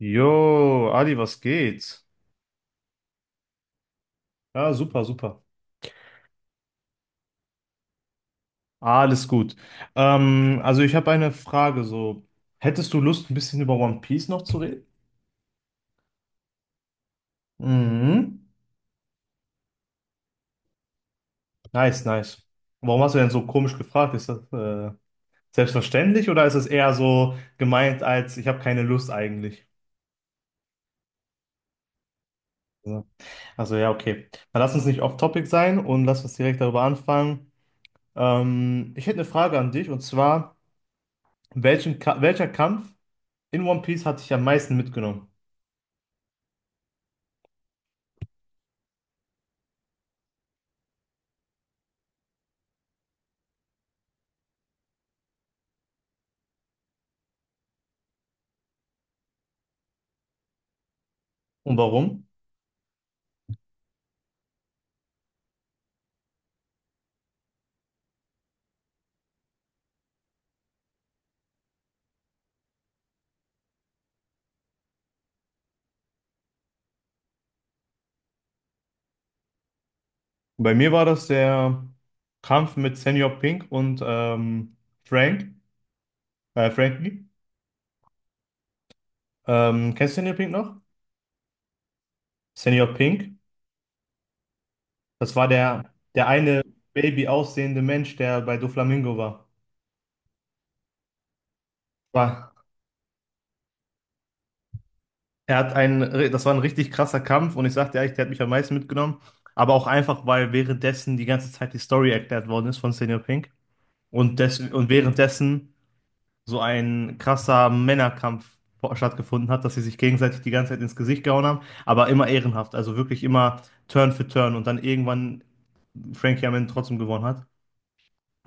Jo, Adi, was geht? Ja, super, super. Alles gut. Also ich habe eine Frage so. Hättest du Lust, ein bisschen über One Piece noch zu reden? Mhm. Nice, nice. Warum hast du denn so komisch gefragt? Ist das selbstverständlich oder ist es eher so gemeint als ich habe keine Lust eigentlich? Also, also ja, okay. Dann lass uns nicht off-topic sein und lass uns direkt darüber anfangen. Ich hätte eine Frage an dich, und zwar, welchen Ka welcher Kampf in One Piece hat dich am meisten mitgenommen? Und warum? Bei mir war das der Kampf mit Senior Pink und Frank, Frankie. Kennst du Senior Pink noch? Senior Pink, das war der, der eine Baby aussehende Mensch, der bei Doflamingo war. War, Er hat einen, das war ein richtig krasser Kampf und ich sagte ehrlich, der hat mich am meisten mitgenommen. Aber auch einfach, weil währenddessen die ganze Zeit die Story erklärt worden ist von Senior Pink. Und währenddessen so ein krasser Männerkampf stattgefunden hat, dass sie sich gegenseitig die ganze Zeit ins Gesicht gehauen haben, aber immer ehrenhaft, also wirklich immer Turn für Turn und dann irgendwann Frankie am Ende trotzdem gewonnen hat.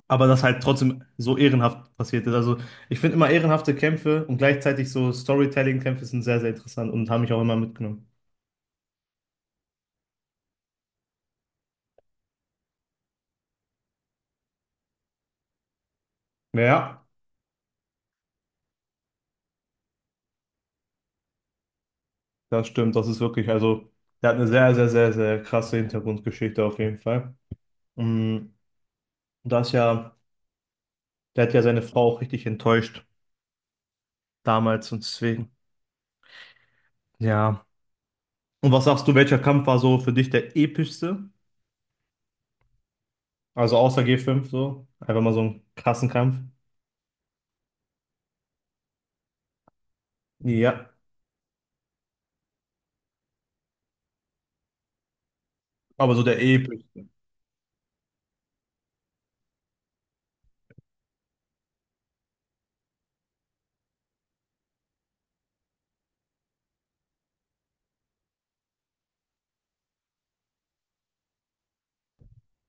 Aber das halt trotzdem so ehrenhaft passiert ist. Also, ich finde, immer ehrenhafte Kämpfe und gleichzeitig so Storytelling-Kämpfe sind sehr, sehr interessant und haben mich auch immer mitgenommen. Ja, das stimmt. Das ist wirklich, also der hat eine sehr, sehr, sehr, sehr krasse Hintergrundgeschichte auf jeden Fall. Mm, und da ja, der hat ja seine Frau auch richtig enttäuscht damals und deswegen. Ja. Und was sagst du, welcher Kampf war so für dich der epischste? Also außer G5 so. Einfach mal so ein krassen Kampf. Ja. Aber so der episch.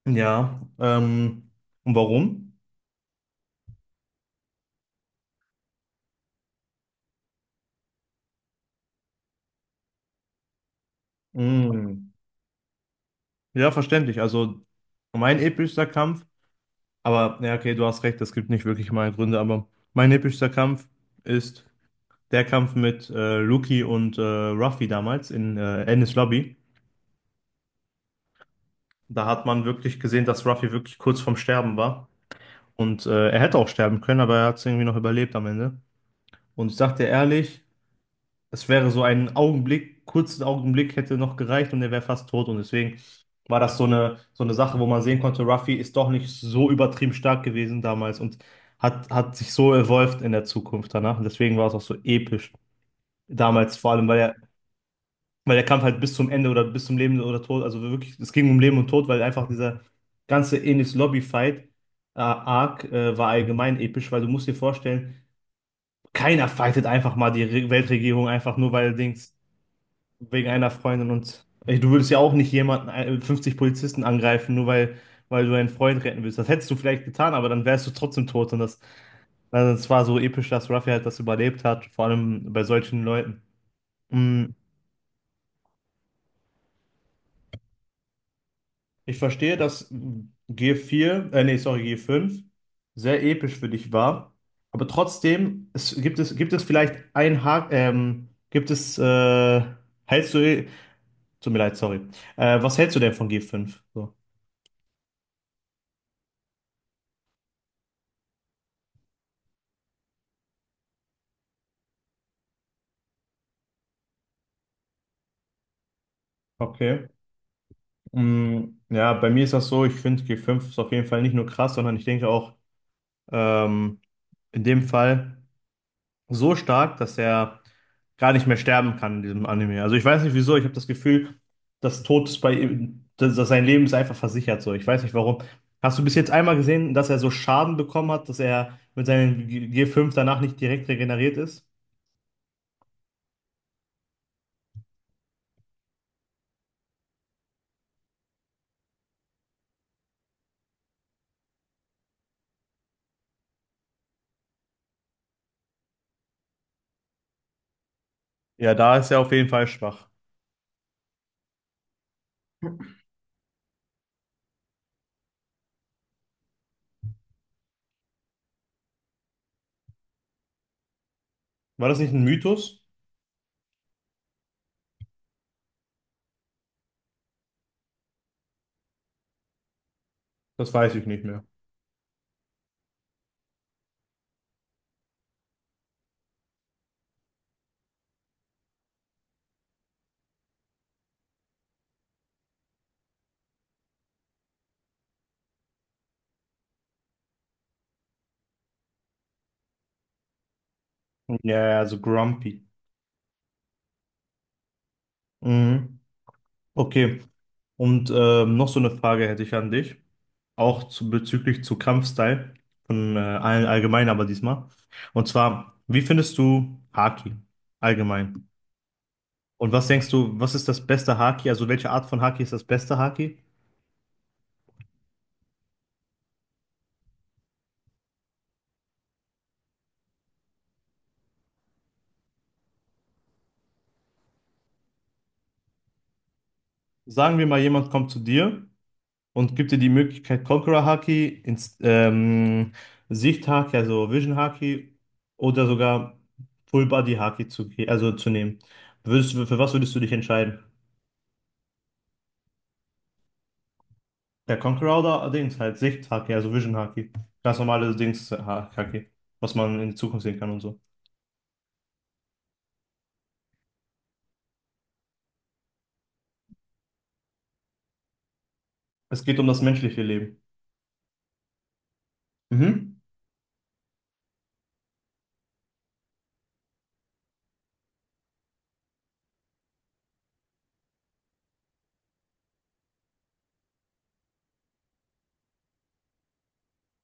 Ja. Und warum? Mm. Ja, verständlich. Also mein epischster Kampf, aber ja, okay, du hast recht, es gibt nicht wirklich mal Gründe, aber mein epischster Kampf ist der Kampf mit Luki und Ruffy damals in Enies Lobby. Da hat man wirklich gesehen, dass Ruffy wirklich kurz vorm Sterben war. Und er hätte auch sterben können, aber er hat es irgendwie noch überlebt am Ende. Und ich sag dir ehrlich, es wäre so ein Augenblick, kurzen Augenblick hätte noch gereicht und er wäre fast tot. Und deswegen war das so eine Sache, wo man sehen konnte, Ruffy ist doch nicht so übertrieben stark gewesen damals und hat sich so evolved in der Zukunft danach. Und deswegen war es auch so episch damals, vor allem, weil weil der Kampf halt bis zum Ende oder bis zum Leben oder Tod, also wirklich, es ging um Leben und Tod, weil einfach dieser ganze Enis Lobby-Fight, Arc, war allgemein episch, weil du musst dir vorstellen, keiner fightet einfach mal die Re Weltregierung einfach nur, weil er denkt, wegen einer Freundin. Und ey, du würdest ja auch nicht jemanden, 50 Polizisten angreifen, nur weil, weil du einen Freund retten willst. Das hättest du vielleicht getan, aber dann wärst du trotzdem tot, und das, also es war so episch, dass Ruffy halt das überlebt hat, vor allem bei solchen Leuten. Mm, ich verstehe, dass g vier, nee, sorry, g fünf sehr episch für dich war. Aber trotzdem, gibt es vielleicht ein Haken, gibt es, hältst du, tut mir leid, sorry. Was hältst du denn von g fünf? So. Okay. Mm, ja, bei mir ist das so, ich finde g fünf ist auf jeden Fall nicht nur krass, sondern ich denke auch, ähm, in dem Fall so stark, dass er gar nicht mehr sterben kann in diesem Anime. Also ich weiß nicht wieso, ich habe das Gefühl, dass Tod ist bei ihm, dass sein Leben ist einfach versichert so. Ich weiß nicht warum. Hast du bis jetzt einmal gesehen, dass er so Schaden bekommen hat, dass er mit seinem G5 danach nicht direkt regeneriert ist? Ja, da ist er auf jeden Fall schwach. War das nicht ein Mythos? Das weiß ich nicht mehr. Ja, ja, so grumpy. Mhm. Okay. Und noch so eine Frage hätte ich an dich, auch zu, bezüglich zu Kampfstyle von allen allgemein, aber diesmal. Und zwar, wie findest du Haki allgemein? Und was denkst du, was ist das beste Haki? Also welche Art von Haki ist das beste Haki? Sagen wir mal, jemand kommt zu dir und gibt dir die Möglichkeit Conqueror Haki, Inst Sicht Haki, also Vision Haki, oder sogar Full Body Haki zu, also zu nehmen. Für was würdest du dich entscheiden? Der Conqueror oder Dings, halt Sicht-Haki, also Vision-Haki. Ganz normale Dings-Haki, was man in die Zukunft sehen kann und so. Es geht um das menschliche Leben. Mhm.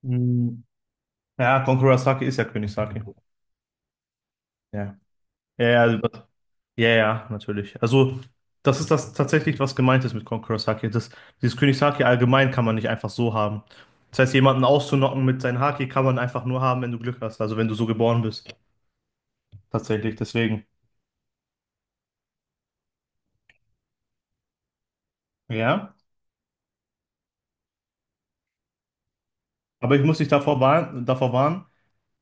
Mhm. Ja, Conqueror's Haki ist ja Königshaki. Ja. Ja, ja, also das- ja, ja, natürlich. Also, das ist das tatsächlich, was gemeint ist mit Conqueror's Haki. Das, dieses Königshaki allgemein kann man nicht einfach so haben. Das heißt, jemanden auszunocken mit seinem Haki kann man einfach nur haben, wenn du Glück hast, also wenn du so geboren bist. Tatsächlich, deswegen. Ja. Aber ich muss dich davor warnen.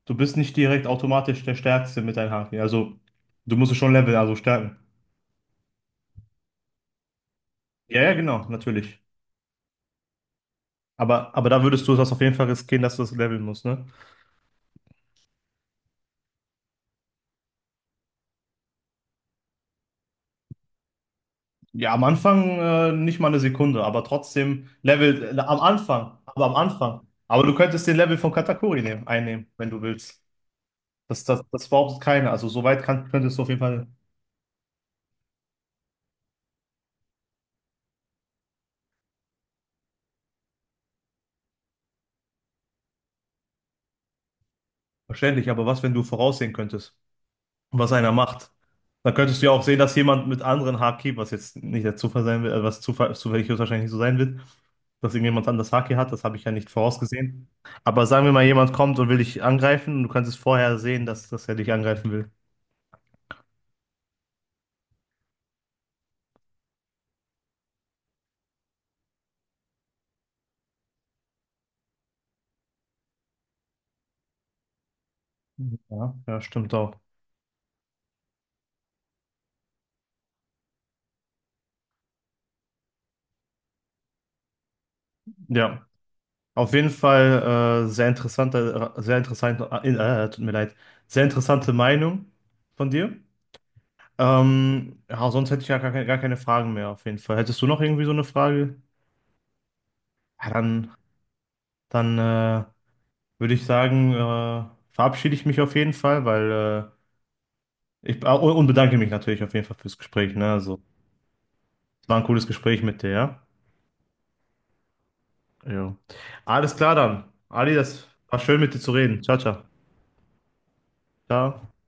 Du bist nicht direkt automatisch der Stärkste mit deinen Haken. Also, du musst es schon leveln, also stärken. Ja, ja, genau, natürlich. Aber da würdest du das auf jeden Fall riskieren, dass du das leveln musst, ne? Ja, am Anfang nicht mal eine Sekunde, aber trotzdem Level, am Anfang. Aber du könntest den Level von Katakuri nehmen, einnehmen, wenn du willst. Das behauptet keiner. Also, könntest du auf jeden Fall. Verständlich, aber was, wenn du voraussehen könntest, was einer macht? Dann könntest du ja auch sehen, dass jemand mit anderen Haki, was jetzt nicht der Zufall sein wird, zufällig höchstwahrscheinlich nicht so sein wird, dass irgendjemand anders Haki hat, das habe ich ja nicht vorausgesehen. Aber sagen wir mal, jemand kommt und will dich angreifen und du kannst es vorher sehen, dass er dich angreifen will. Ja, ja, stimmt auch. Ja, auf jeden Fall sehr interessanter, tut mir leid, sehr interessante Meinung von dir. Ja, sonst hätte ich ja gar keine Fragen mehr, auf jeden Fall. Hättest du noch irgendwie so eine Frage? Ja, dann würde ich sagen, verabschiede ich mich auf jeden Fall, weil ich ah, und bedanke mich natürlich auf jeden Fall fürs Gespräch. Ne? Also, es war ein cooles Gespräch mit dir, ja? Ja. Alles klar dann. Ali, das war schön mit dir zu reden. Ciao, ciao. Ciao.